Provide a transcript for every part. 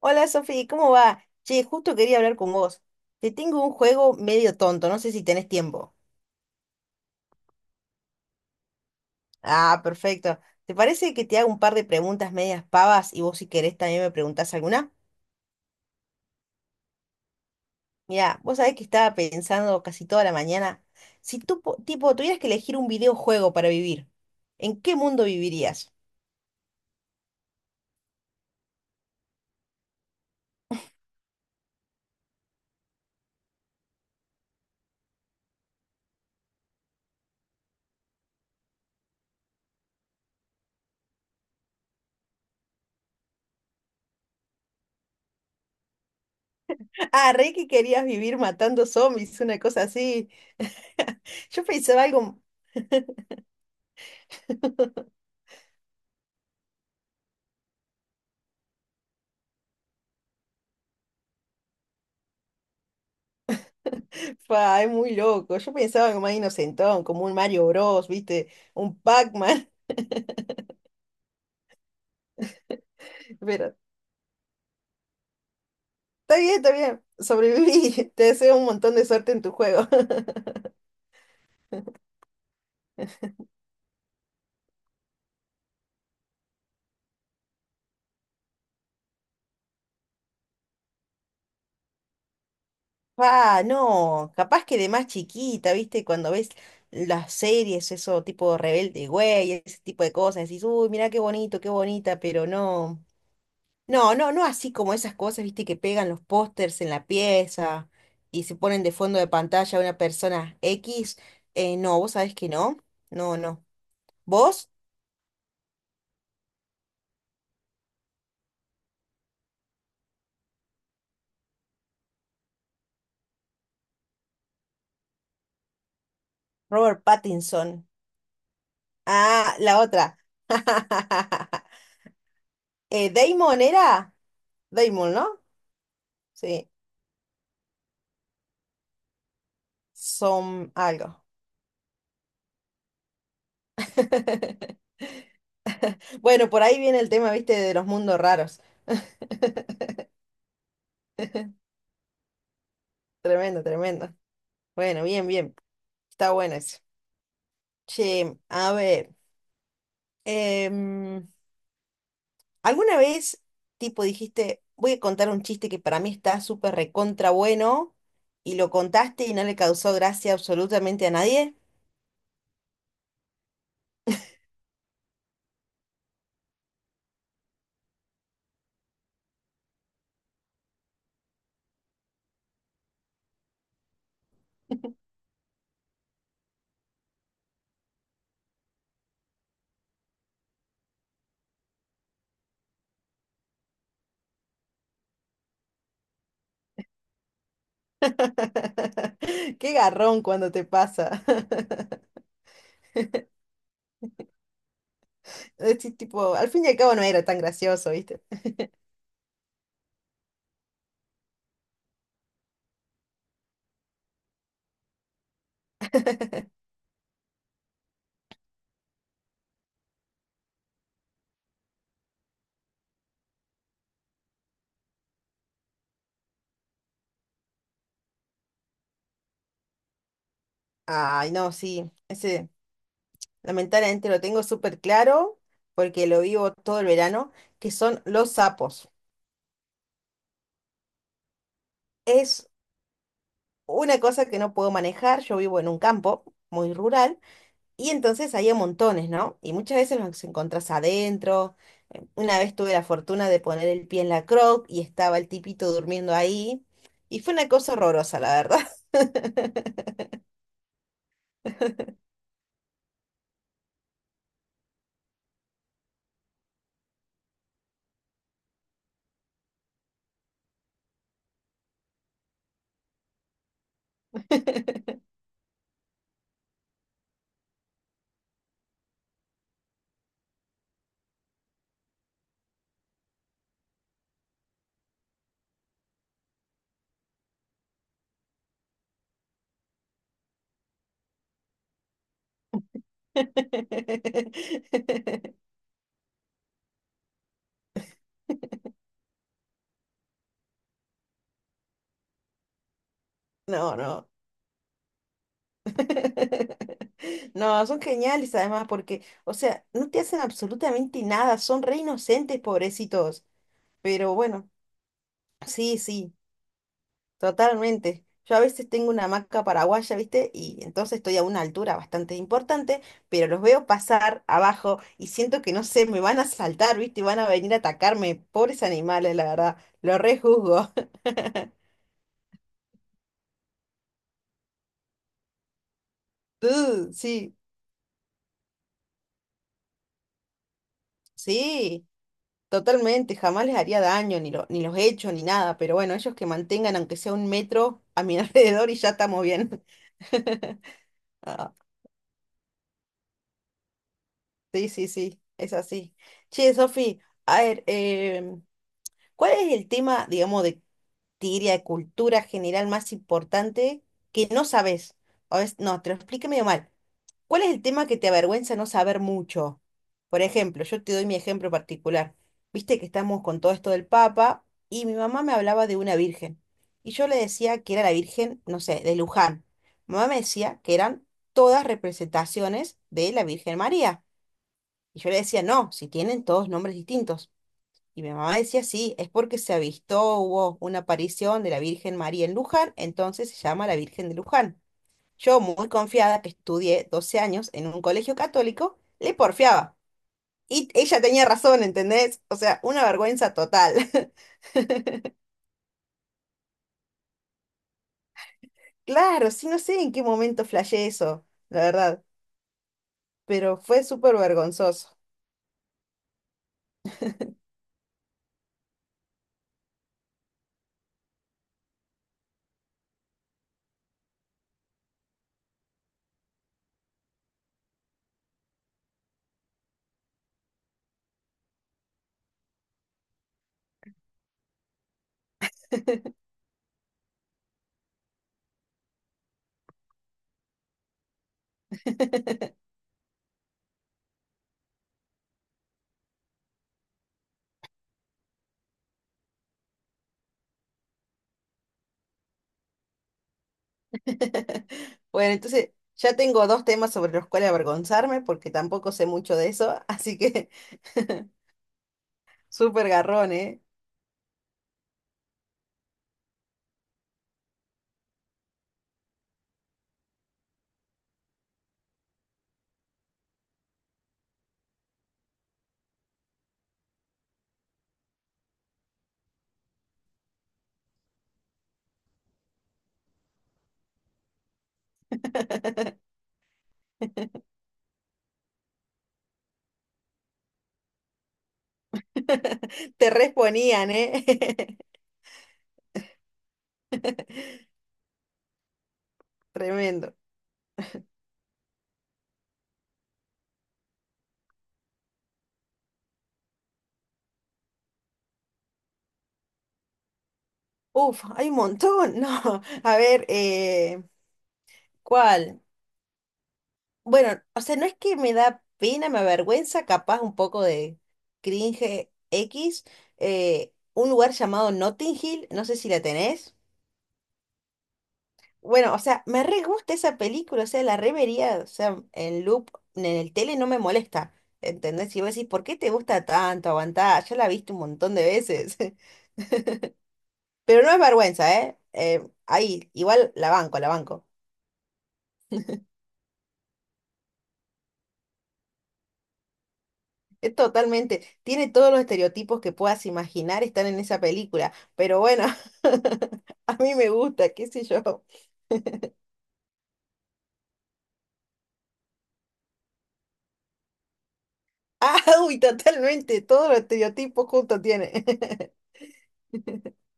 Hola Sofía, ¿cómo va? Che, justo quería hablar con vos. Te tengo un juego medio tonto, no sé si tenés tiempo. Ah, perfecto. ¿Te parece que te haga un par de preguntas medias pavas y vos si querés también me preguntás alguna? Mira, vos sabés que estaba pensando casi toda la mañana, si tú, tipo, tuvieras que elegir un videojuego para vivir, ¿en qué mundo vivirías? Ah, re que querías vivir matando zombies, una cosa así. Yo pensaba algo, Pa, es muy loco. Yo pensaba algo más inocentón, como un Mario Bros, ¿viste? Un Pac-Man. Pero está bien, está bien. Sobreviví. Te deseo un montón de suerte en tu juego. Pa, no. Capaz que de más chiquita, ¿viste? Cuando ves las series, eso tipo Rebelde Güey, ese tipo de cosas, decís, uy, mirá qué bonito, qué bonita, pero no. No, no, no así como esas cosas, ¿viste? Que pegan los pósters en la pieza y se ponen de fondo de pantalla a una persona X. No, vos sabés que no. No, no. ¿Vos? Robert Pattinson. Ah, la otra. Damon era. Damon, ¿no? Sí. Son algo. Bueno, por ahí viene el tema, viste, de los mundos raros. Tremendo, tremendo. Bueno, bien, bien. Está bueno eso. Che, a ver. em, ¿Alguna vez, tipo, dijiste, voy a contar un chiste que para mí está súper recontra bueno y lo contaste y no le causó gracia absolutamente a nadie? Qué garrón cuando te pasa. Decís, tipo, al fin y al cabo no era tan gracioso, ¿viste? Ay, no, sí, ese lamentablemente lo tengo súper claro porque lo vivo todo el verano, que son los sapos. Es una cosa que no puedo manejar, yo vivo en un campo muy rural y entonces hay a montones, ¿no? Y muchas veces los encontrás adentro. Una vez tuve la fortuna de poner el pie en la croc y estaba el tipito durmiendo ahí y fue una cosa horrorosa, la verdad. No, no. No, son geniales además porque, o sea, no te hacen absolutamente nada, son re inocentes, pobrecitos. Pero bueno, sí, sí, totalmente. Yo a veces tengo una hamaca paraguaya, ¿viste? Y entonces estoy a una altura bastante importante, pero los veo pasar abajo y siento que no sé, me van a saltar, ¿viste? Y van a venir a atacarme. Pobres animales, la verdad. Los rejuzgo. Sí, sí. Totalmente, jamás les haría daño, ni, ni los hecho, ni nada, pero bueno, ellos que mantengan aunque sea un metro a mi alrededor y ya estamos bien. Ah, sí, sí, sí, es así. Che, Sofi, a ver, ¿cuál es el tema, digamos, de, te diría, de cultura general más importante que no sabes? O es, no, te lo expliqué medio mal. ¿Cuál es el tema que te avergüenza no saber mucho? Por ejemplo, yo te doy mi ejemplo particular. Viste que estamos con todo esto del Papa y mi mamá me hablaba de una virgen. Y yo le decía que era la virgen, no sé, de Luján. Mi mamá me decía que eran todas representaciones de la Virgen María. Y yo le decía, no, si tienen todos nombres distintos. Y mi mamá decía, sí, es porque se avistó, hubo una aparición de la Virgen María en Luján, entonces se llama la Virgen de Luján. Yo, muy confiada que estudié 12 años en un colegio católico, le porfiaba. Y ella tenía razón, ¿entendés? O sea, una vergüenza total. Claro, sí, no sé en qué momento flashé eso, la verdad, pero fue súper vergonzoso. Bueno, entonces ya tengo dos temas sobre los cuales avergonzarme porque tampoco sé mucho de eso, así que súper garrón, ¿eh? Te responían, ¿eh? Tremendo. Uf, hay un montón, no. A ver, ¿cuál? Bueno, o sea, no es que me da pena, me avergüenza, capaz un poco de cringe X, un lugar llamado Notting Hill, no sé si la tenés. Bueno, o sea, me re gusta esa película, o sea, la revería, o sea, en loop, en el tele no me molesta, ¿entendés? Y vos decís, ¿por qué te gusta tanto? Aguantá, ya la viste un montón de veces. Pero no es vergüenza, ¿eh? Ahí, igual la banco, la banco. Totalmente, tiene todos los estereotipos que puedas imaginar están en esa película, pero bueno, a mí me gusta, qué sé yo. Ah, uy, totalmente, todos los estereotipos juntos tiene.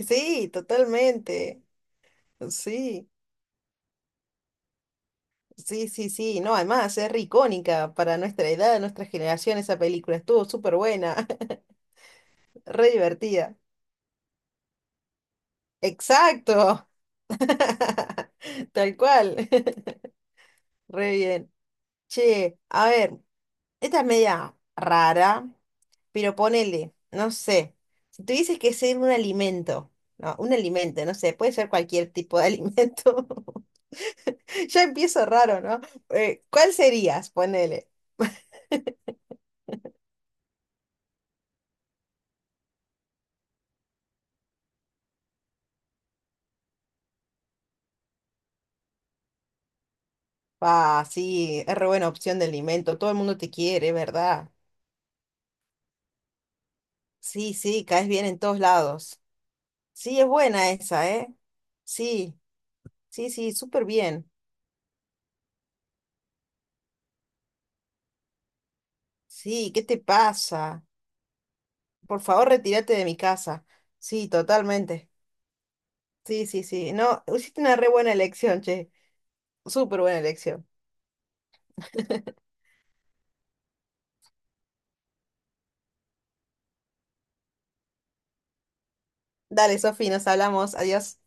Sí, totalmente. Sí, sí, sí, sí. No, además es re icónica para nuestra edad, nuestra generación, esa película. Estuvo súper buena, re divertida. Exacto. Tal cual. Re bien. Che, a ver. Esta es media rara, pero ponele, no sé. Si tuvieses que ser un alimento, no sé, puede ser cualquier tipo de alimento. Ya empiezo raro, ¿no? ¿Cuál serías? Ponele. Ah, sí, es re buena opción de alimento. Todo el mundo te quiere, ¿verdad? Sí, sí, caes bien en todos lados. Sí, es buena esa, ¿eh? Sí, sí, sí, súper bien. Sí, ¿qué te pasa? Por favor, retírate de mi casa. Sí, totalmente. Sí, sí, sí. No, hiciste una re buena elección, che. Súper buena elección. Dale, Sofi, nos hablamos. Adiós.